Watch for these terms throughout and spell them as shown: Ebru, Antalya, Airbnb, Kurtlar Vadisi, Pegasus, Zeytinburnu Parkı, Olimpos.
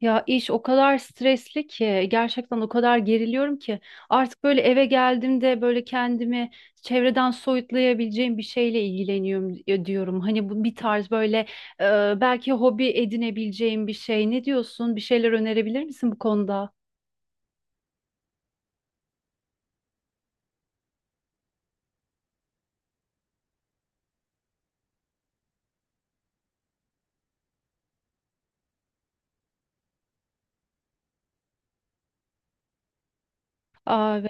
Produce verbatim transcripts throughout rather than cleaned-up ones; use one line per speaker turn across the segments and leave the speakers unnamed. Ya iş o kadar stresli ki gerçekten o kadar geriliyorum ki artık böyle eve geldiğimde böyle kendimi çevreden soyutlayabileceğim bir şeyle ilgileniyorum di- diyorum. Hani bu bir tarz böyle e, belki hobi edinebileceğim bir şey. Ne diyorsun? Bir şeyler önerebilir misin bu konuda? Aa,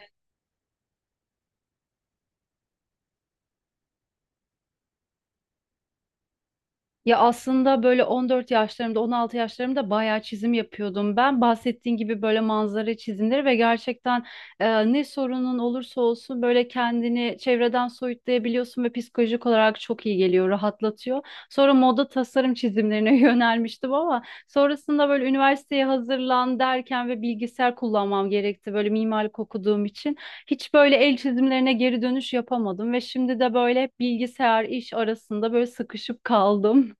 ya aslında böyle on dört yaşlarımda, on altı yaşlarımda bayağı çizim yapıyordum. Ben bahsettiğin gibi böyle manzara çizimleri ve gerçekten e, ne sorunun olursa olsun böyle kendini çevreden soyutlayabiliyorsun ve psikolojik olarak çok iyi geliyor, rahatlatıyor. Sonra moda tasarım çizimlerine yönelmiştim ama sonrasında böyle üniversiteye hazırlan derken ve bilgisayar kullanmam gerekti böyle mimarlık okuduğum için. Hiç böyle el çizimlerine geri dönüş yapamadım ve şimdi de böyle hep bilgisayar iş arasında böyle sıkışıp kaldım.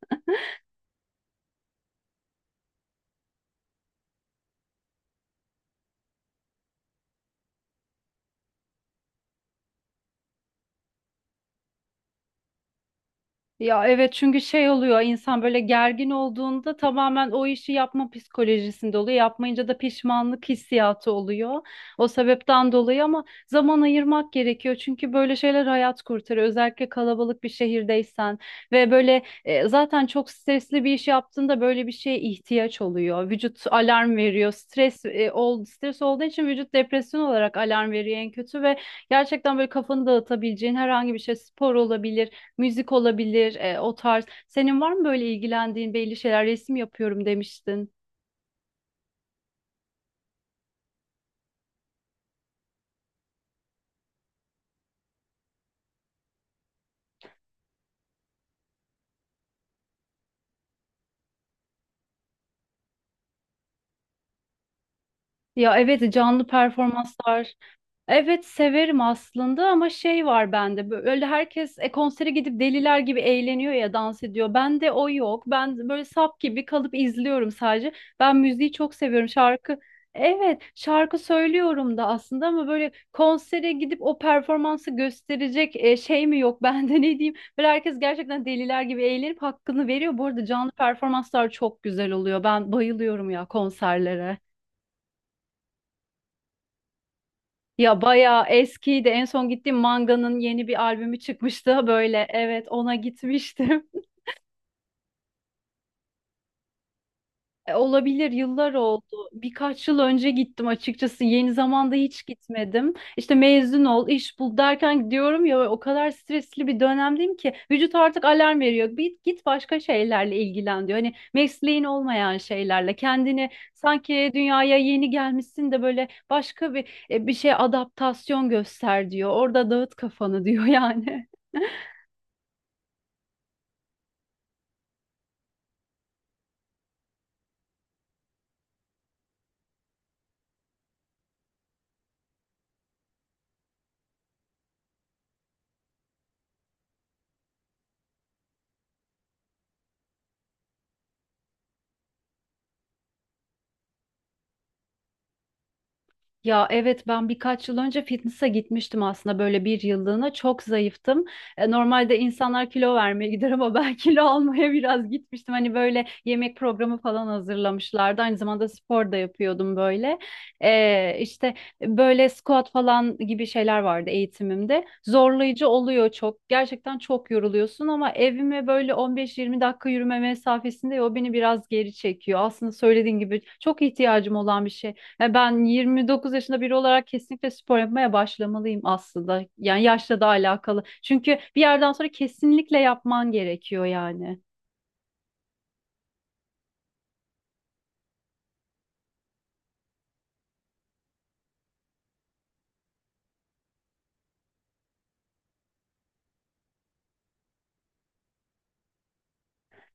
Ya evet, çünkü şey oluyor, insan böyle gergin olduğunda tamamen o işi yapma psikolojisinde oluyor. Yapmayınca da pişmanlık hissiyatı oluyor. O sebepten dolayı ama zaman ayırmak gerekiyor. Çünkü böyle şeyler hayat kurtarıyor. Özellikle kalabalık bir şehirdeysen ve böyle e, zaten çok stresli bir iş yaptığında böyle bir şeye ihtiyaç oluyor. Vücut alarm veriyor. Stres e, ol Stres olduğu için vücut depresyon olarak alarm veriyor en kötü ve gerçekten böyle kafanı dağıtabileceğin herhangi bir şey spor olabilir, müzik olabilir, e, o tarz. Senin var mı böyle ilgilendiğin belli şeyler? Resim yapıyorum demiştin. Ya evet, canlı performanslar. Evet severim aslında ama şey var bende, böyle herkes e, konsere gidip deliler gibi eğleniyor ya, dans ediyor. Bende o yok. Ben böyle sap gibi kalıp izliyorum sadece. Ben müziği çok seviyorum, şarkı. Evet şarkı söylüyorum da aslında ama böyle konsere gidip o performansı gösterecek e, şey mi yok bende ne diyeyim. Böyle herkes gerçekten deliler gibi eğlenip hakkını veriyor. Bu arada canlı performanslar çok güzel oluyor. Ben bayılıyorum ya konserlere. Ya bayağı eskiydi. En son gittiğim Manga'nın yeni bir albümü çıkmıştı böyle. Evet, ona gitmiştim. E, olabilir, yıllar oldu. Birkaç yıl önce gittim açıkçası. Yeni zamanda hiç gitmedim. İşte mezun ol, iş bul derken, diyorum ya, o kadar stresli bir dönemdeyim ki vücut artık alarm veriyor. Bir git başka şeylerle ilgilen diyor. Hani mesleğin olmayan şeylerle kendini, sanki dünyaya yeni gelmişsin de böyle, başka bir e, bir şey adaptasyon göster diyor. Orada dağıt kafanı diyor yani. Ya evet, ben birkaç yıl önce fitness'a gitmiştim aslında, böyle bir yıllığına, çok zayıftım. E, Normalde insanlar kilo vermeye gider ama ben kilo almaya biraz gitmiştim. Hani böyle yemek programı falan hazırlamışlardı. Aynı zamanda spor da yapıyordum böyle. E, işte böyle squat falan gibi şeyler vardı eğitimimde. Zorlayıcı oluyor çok. Gerçekten çok yoruluyorsun ama evime böyle on beş yirmi dakika yürüme mesafesinde, o beni biraz geri çekiyor. Aslında söylediğin gibi çok ihtiyacım olan bir şey. Ya ben yirmi dokuz yaşında biri olarak kesinlikle spor yapmaya başlamalıyım aslında. Yani yaşla da alakalı. Çünkü bir yerden sonra kesinlikle yapman gerekiyor yani.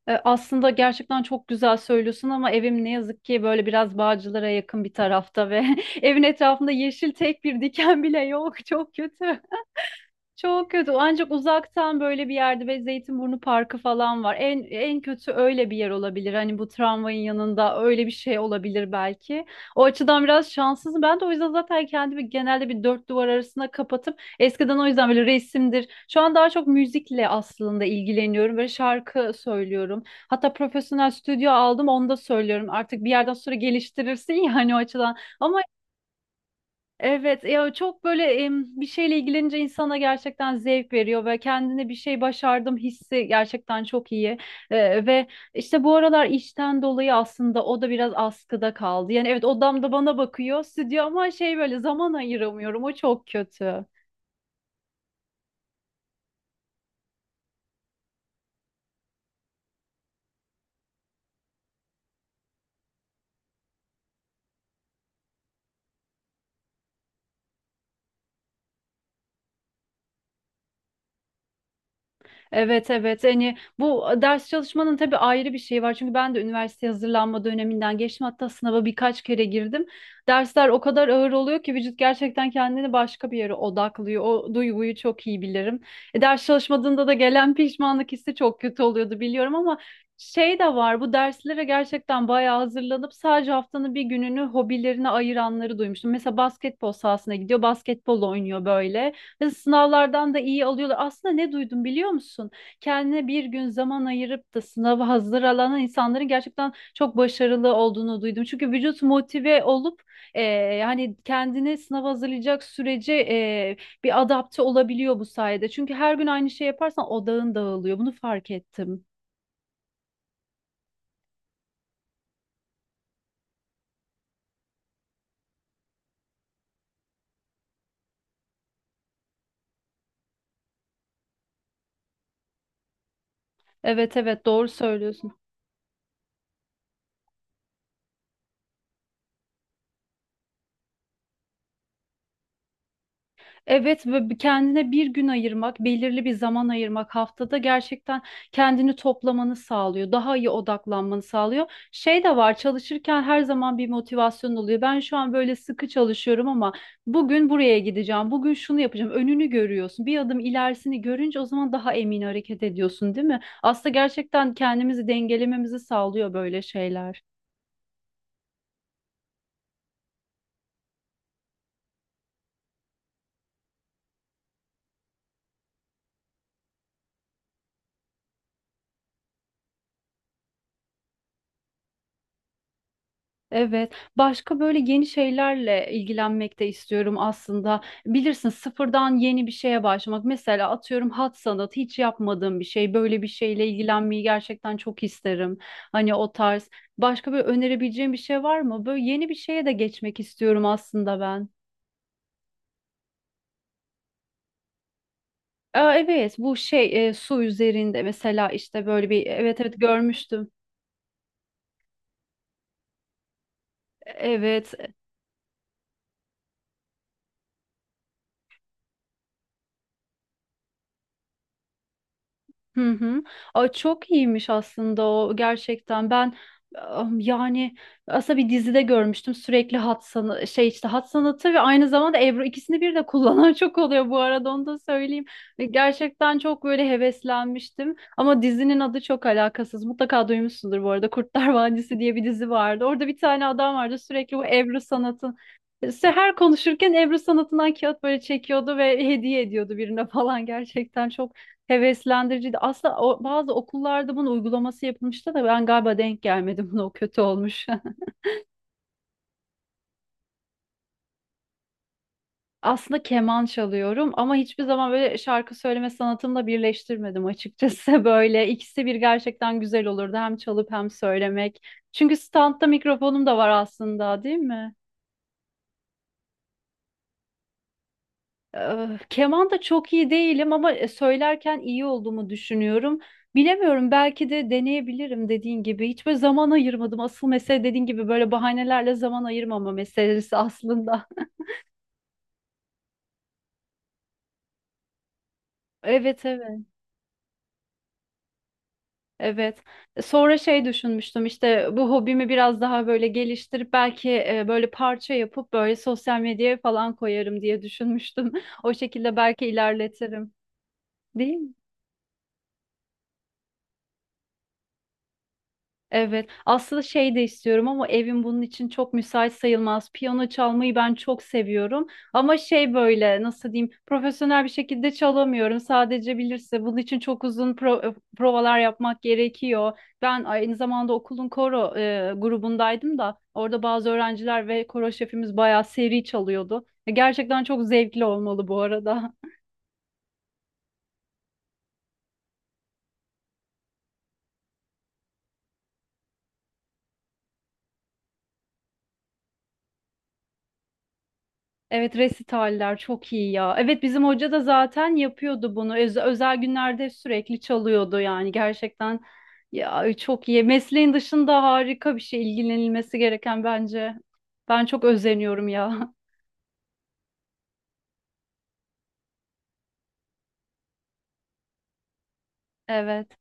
E, Aslında gerçekten çok güzel söylüyorsun ama evim ne yazık ki böyle biraz Bağcılar'a yakın bir tarafta ve evin etrafında yeşil tek bir diken bile yok. Çok kötü. Çok kötü. Ancak uzaktan böyle bir yerde ve Zeytinburnu Parkı falan var. En en kötü öyle bir yer olabilir. Hani bu tramvayın yanında öyle bir şey olabilir belki. O açıdan biraz şanssızım. Ben de o yüzden zaten kendimi genelde bir dört duvar arasına kapatıp eskiden o yüzden böyle resimdir. Şu an daha çok müzikle aslında ilgileniyorum. Böyle şarkı söylüyorum. Hatta profesyonel stüdyo aldım, onu da söylüyorum. Artık bir yerden sonra geliştirirsin yani o açıdan. Ama evet ya, çok böyle em, bir şeyle ilgilenince insana gerçekten zevk veriyor ve kendine bir şey başardım hissi gerçekten çok iyi. Ee, ve işte bu aralar işten dolayı aslında o da biraz askıda kaldı. Yani evet, odamda bana bakıyor stüdyo ama şey, böyle zaman ayıramıyorum, o çok kötü. Evet evet, hani bu ders çalışmanın tabii ayrı bir şeyi var çünkü ben de üniversite hazırlanma döneminden geçtim, hatta sınava birkaç kere girdim. Dersler o kadar ağır oluyor ki vücut gerçekten kendini başka bir yere odaklıyor. O duyguyu çok iyi bilirim. E, ders çalışmadığında da gelen pişmanlık hissi çok kötü oluyordu biliyorum ama şey de var, bu derslere gerçekten bayağı hazırlanıp sadece haftanın bir gününü hobilerine ayıranları duymuştum. Mesela basketbol sahasına gidiyor basketbol oynuyor böyle. E, Sınavlardan da iyi alıyorlar. Aslında ne duydum biliyor musun? Kendine bir gün zaman ayırıp da sınava hazırlanan insanların gerçekten çok başarılı olduğunu duydum. Çünkü vücut motive olup e, yani kendini sınava hazırlayacak sürece e, bir adapte olabiliyor bu sayede. Çünkü her gün aynı şey yaparsan odağın dağılıyor. Bunu fark ettim. Evet evet, doğru söylüyorsun. Evet ve bir- kendine bir gün ayırmak, belirli bir zaman ayırmak haftada, gerçekten kendini toplamanı sağlıyor. Daha iyi odaklanmanı sağlıyor. Şey de var, çalışırken her zaman bir motivasyon oluyor. Ben şu an böyle sıkı çalışıyorum ama bugün buraya gideceğim, bugün şunu yapacağım. Önünü görüyorsun. Bir adım ilerisini görünce o zaman daha emin hareket ediyorsun, değil mi? Aslında gerçekten kendimizi dengelememizi sağlıyor böyle şeyler. Evet, başka böyle yeni şeylerle ilgilenmek de istiyorum aslında. Bilirsin, sıfırdan yeni bir şeye başlamak. Mesela atıyorum, hat sanatı hiç yapmadığım bir şey. Böyle bir şeyle ilgilenmeyi gerçekten çok isterim. Hani o tarz. Başka böyle önerebileceğim bir şey var mı? Böyle yeni bir şeye de geçmek istiyorum aslında ben. Aa, evet, bu şey e, su üzerinde mesela işte böyle bir, evet evet, görmüştüm. Evet, hı hı. Ay çok iyiymiş aslında o gerçekten. Ben am, yani aslında bir dizide görmüştüm, sürekli hat sanatı şey, işte hat sanatı ve aynı zamanda Ebru, ikisini bir de kullanan çok oluyor bu arada, onu da söyleyeyim. Ve gerçekten çok böyle heveslenmiştim ama dizinin adı çok alakasız. Mutlaka duymuşsundur bu arada, Kurtlar Vadisi diye bir dizi vardı. Orada bir tane adam vardı sürekli bu Ebru sanatın. İşte her konuşurken Ebru sanatından kağıt böyle çekiyordu ve hediye ediyordu birine falan, gerçekten çok heveslendiriciydi. Aslında o- bazı okullarda bunun uygulaması yapılmıştı da ben galiba denk gelmedim buna. O kötü olmuş. Aslında keman çalıyorum ama hiçbir zaman böyle şarkı söyleme sanatımla birleştirmedim açıkçası. Böyle ikisi bir gerçekten güzel olurdu. Hem çalıp hem söylemek. Çünkü standta mikrofonum da var aslında, değil mi? Eh, Keman da çok iyi değilim ama e, söylerken iyi olduğumu düşünüyorum. Bilemiyorum, belki de deneyebilirim dediğin gibi. Hiç böyle zaman ayırmadım. Asıl mesele dediğin gibi böyle bahanelerle zaman ayırmama meselesi aslında. Evet evet evet. E, Sonra şey düşünmüştüm, işte bu hobimi biraz daha böyle geliştirip belki e, böyle parça yapıp böyle sosyal medyaya falan koyarım diye düşünmüştüm. O şekilde belki ilerletirim. Değil mi? Evet. Aslında şey de istiyorum ama evim bunun için çok müsait sayılmaz. Piyano çalmayı ben çok seviyorum. Ama şey, böyle nasıl diyeyim, profesyonel bir şekilde çalamıyorum. Sadece bilirse bunun için çok uzun pro- provalar yapmak gerekiyor. Ben aynı zamanda okulun koro e, grubundaydım da, orada bazı öğrenciler ve koro şefimiz bayağı seri çalıyordu. Gerçekten çok zevkli olmalı bu arada. Evet, resitaller çok iyi ya. Evet bizim hoca da zaten yapıyordu bunu. Öz- özel günlerde sürekli çalıyordu yani, gerçekten ya çok iyi. Mesleğin dışında harika bir şey, ilgilenilmesi gereken bence. Ben çok özeniyorum ya. Evet.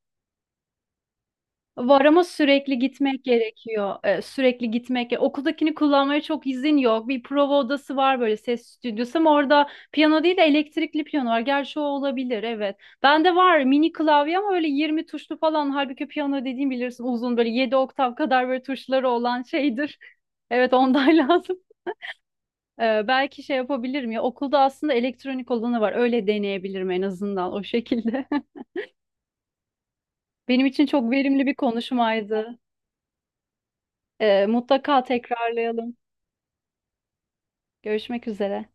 Var ama sürekli gitmek gerekiyor. Ee, sürekli gitmek. Okuldakini kullanmaya çok izin yok. Bir prova odası var böyle, ses stüdyosu, ama orada piyano değil de elektrikli piyano var. Gerçi o olabilir, evet. Bende var mini klavye ama öyle yirmi tuşlu falan. Halbuki piyano dediğim bilirsin, uzun, böyle yedi oktav kadar böyle tuşları olan şeydir. Evet ondan lazım. Ee, belki şey yapabilirim ya, okulda aslında elektronik olanı var. Öyle deneyebilirim en azından o şekilde. Benim için çok verimli bir konuşmaydı. Ee, mutlaka tekrarlayalım. Görüşmek üzere.